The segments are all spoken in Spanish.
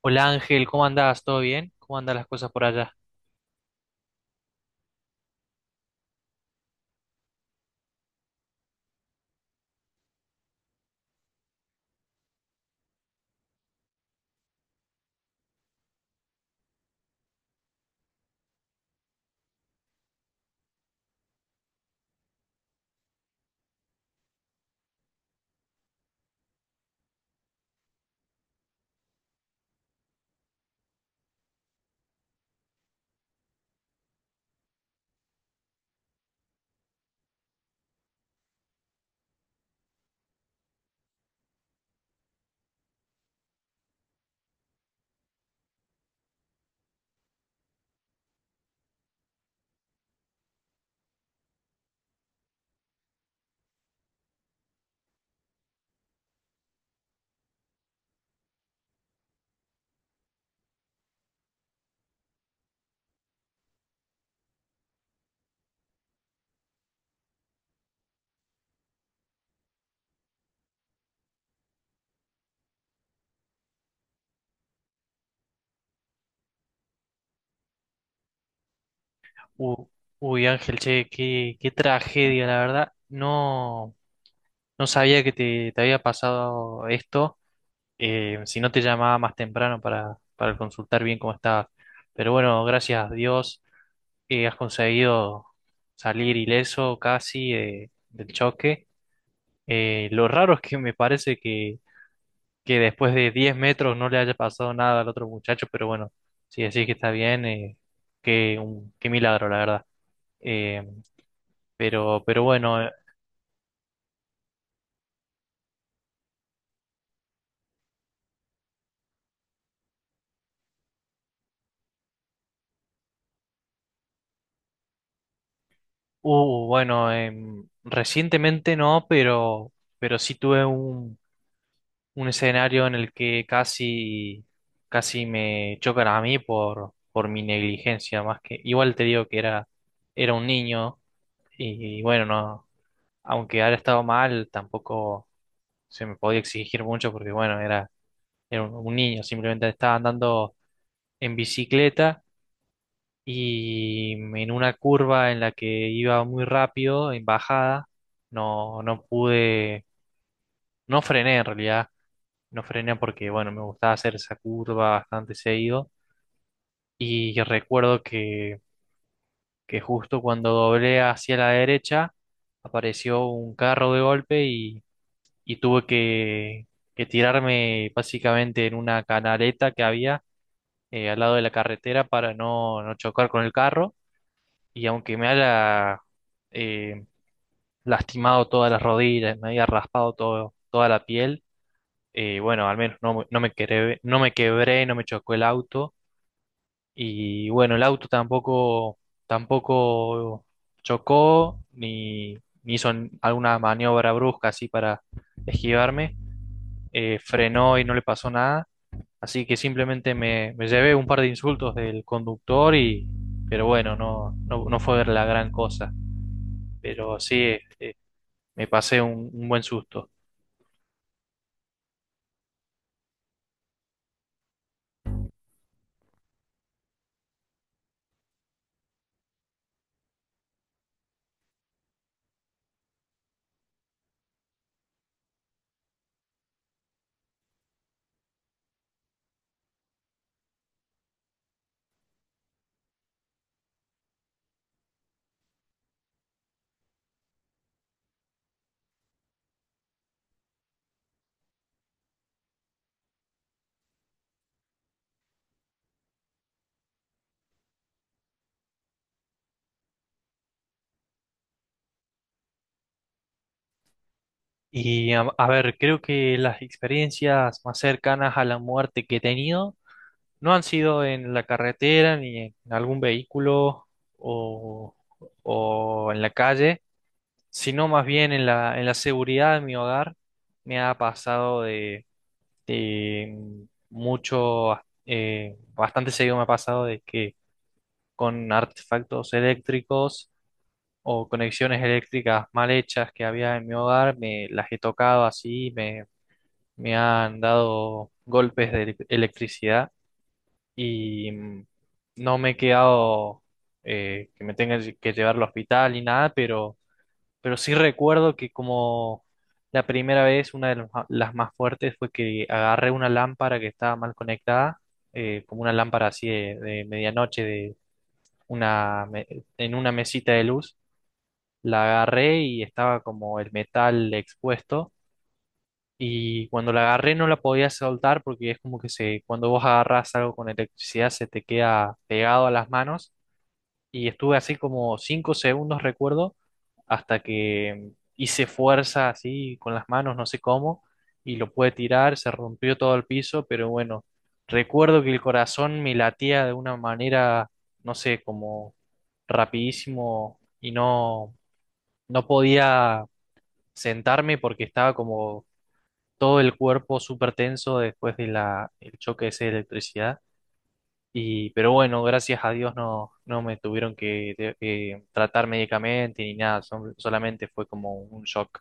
Hola Ángel, ¿cómo andás? ¿Todo bien? ¿Cómo andan las cosas por allá? U- Uy, Ángel, che, qué tragedia, la verdad. No, no sabía que te había pasado esto. Si no te llamaba más temprano para consultar bien cómo estabas. Pero bueno, gracias a Dios, has conseguido salir ileso casi, del choque. Lo raro es que me parece que después de 10 metros no le haya pasado nada al otro muchacho, pero bueno, si decís que está bien, qué milagro, la verdad. Eh, pero bueno. Bueno, recientemente no, pero sí tuve un escenario en el que casi, casi me chocan a mí por mi negligencia, más que, igual te digo que era un niño. Y, bueno, no, aunque haya estado mal, tampoco se me podía exigir mucho porque, bueno, era un niño, simplemente estaba andando en bicicleta. Y en una curva en la que iba muy rápido, en bajada, no, no pude, no frené en realidad, no frené porque, bueno, me gustaba hacer esa curva bastante seguido. Y recuerdo que justo cuando doblé hacia la derecha apareció un carro de golpe y tuve que tirarme básicamente en una canaleta que había al lado de la carretera para no, no chocar con el carro. Y aunque me haya eh, lastimado todas las rodillas, me haya raspado todo, toda la piel, bueno, al menos no, no me quebré, no me chocó el auto. Y bueno, el auto tampoco chocó ni hizo alguna maniobra brusca así para esquivarme. Frenó y no le pasó nada. Así que simplemente me llevé un par de insultos del conductor pero bueno, no, no, no fue la gran cosa. Pero sí, me pasé un buen susto. Y a ver, creo que las experiencias más cercanas a la muerte que he tenido no han sido en la carretera ni en algún vehículo, o, o en la calle, sino más bien en la seguridad de mi hogar. Me ha pasado de, eh, mucho, bastante seguido me ha pasado de que con artefactos eléctricos o conexiones eléctricas mal hechas que había en mi hogar, me las he tocado así, me han dado golpes de electricidad. Y no me he quedado, que me tenga que llevar al hospital y nada, pero sí recuerdo que como la primera vez, una de las, las más fuertes, fue que agarré una lámpara que estaba mal conectada, como una lámpara así de medianoche, una, me- en una mesita de luz. La agarré y estaba como el metal expuesto. Y cuando la agarré no la podía soltar porque es como que cuando vos agarrás algo con electricidad se te queda pegado a las manos. Y estuve así como 5 segundos, recuerdo, hasta que hice fuerza así con las manos, no sé cómo, y lo pude tirar, se rompió todo el piso, pero bueno, recuerdo que el corazón me latía de una manera, no sé, como rapidísimo, y no, no podía sentarme porque estaba como todo el cuerpo súper tenso después de el choque ese de electricidad. Pero bueno, gracias a Dios no, no me tuvieron que, tratar médicamente ni nada, solamente fue como un shock.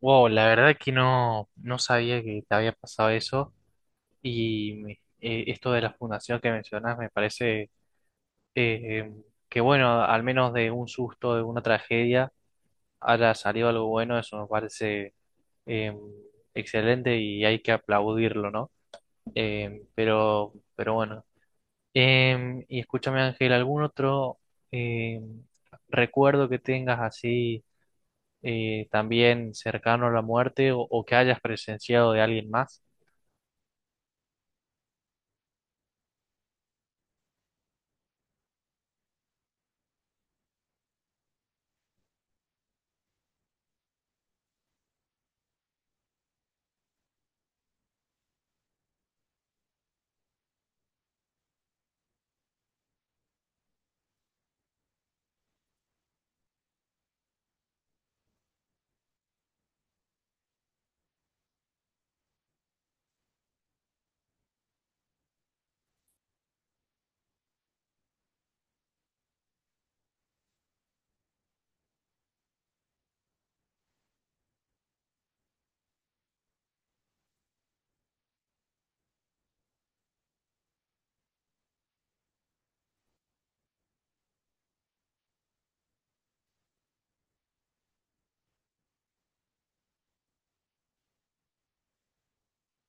Wow, la verdad que no, no sabía que te había pasado eso. Y esto de la fundación que mencionas me parece, eh, em, que bueno, al menos de un susto, de una tragedia, haya salido algo bueno. Eso me parece eh, excelente y hay que aplaudirlo, ¿no? Pero bueno. Y escúchame, Ángel, ¿algún otro, em, recuerdo que tengas así, también cercano a la muerte, o que hayas presenciado de alguien más?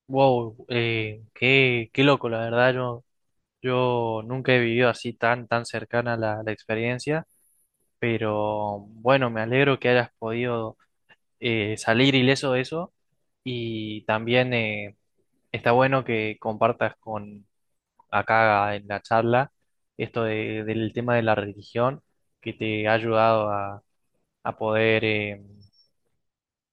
Wow, qué loco, la verdad, yo nunca he vivido así tan cercana la experiencia, pero bueno, me alegro que hayas podido salir ileso de eso. Y también está bueno que compartas con acá en la charla, del tema de la religión que te ha ayudado a poder,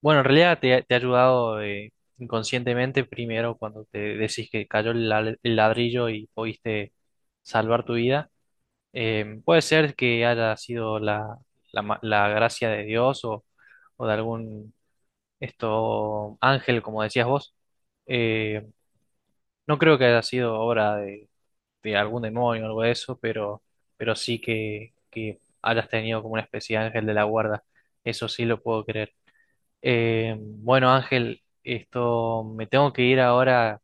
bueno, en realidad te ha ayudado inconscientemente, primero cuando te decís que cayó el ladrillo y pudiste salvar tu vida. Puede ser que haya sido la gracia de Dios, o de algún, esto ángel, como decías vos. Eh, no creo que haya sido obra de algún demonio o algo de eso, pero, sí que hayas tenido como una especie de ángel de la guarda. Eso sí lo puedo creer. Bueno, Ángel, esto me tengo que ir ahora.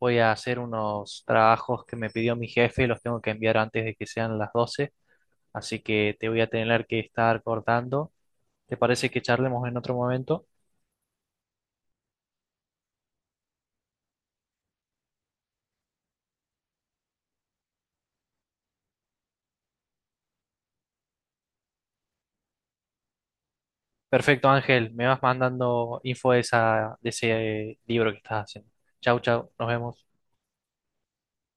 Voy a hacer unos trabajos que me pidió mi jefe, los tengo que enviar antes de que sean las 12, así que te voy a tener que estar cortando. ¿Te parece que charlemos en otro momento? Perfecto, Ángel, me vas mandando info de de ese libro que estás haciendo. Chau, chau, nos vemos.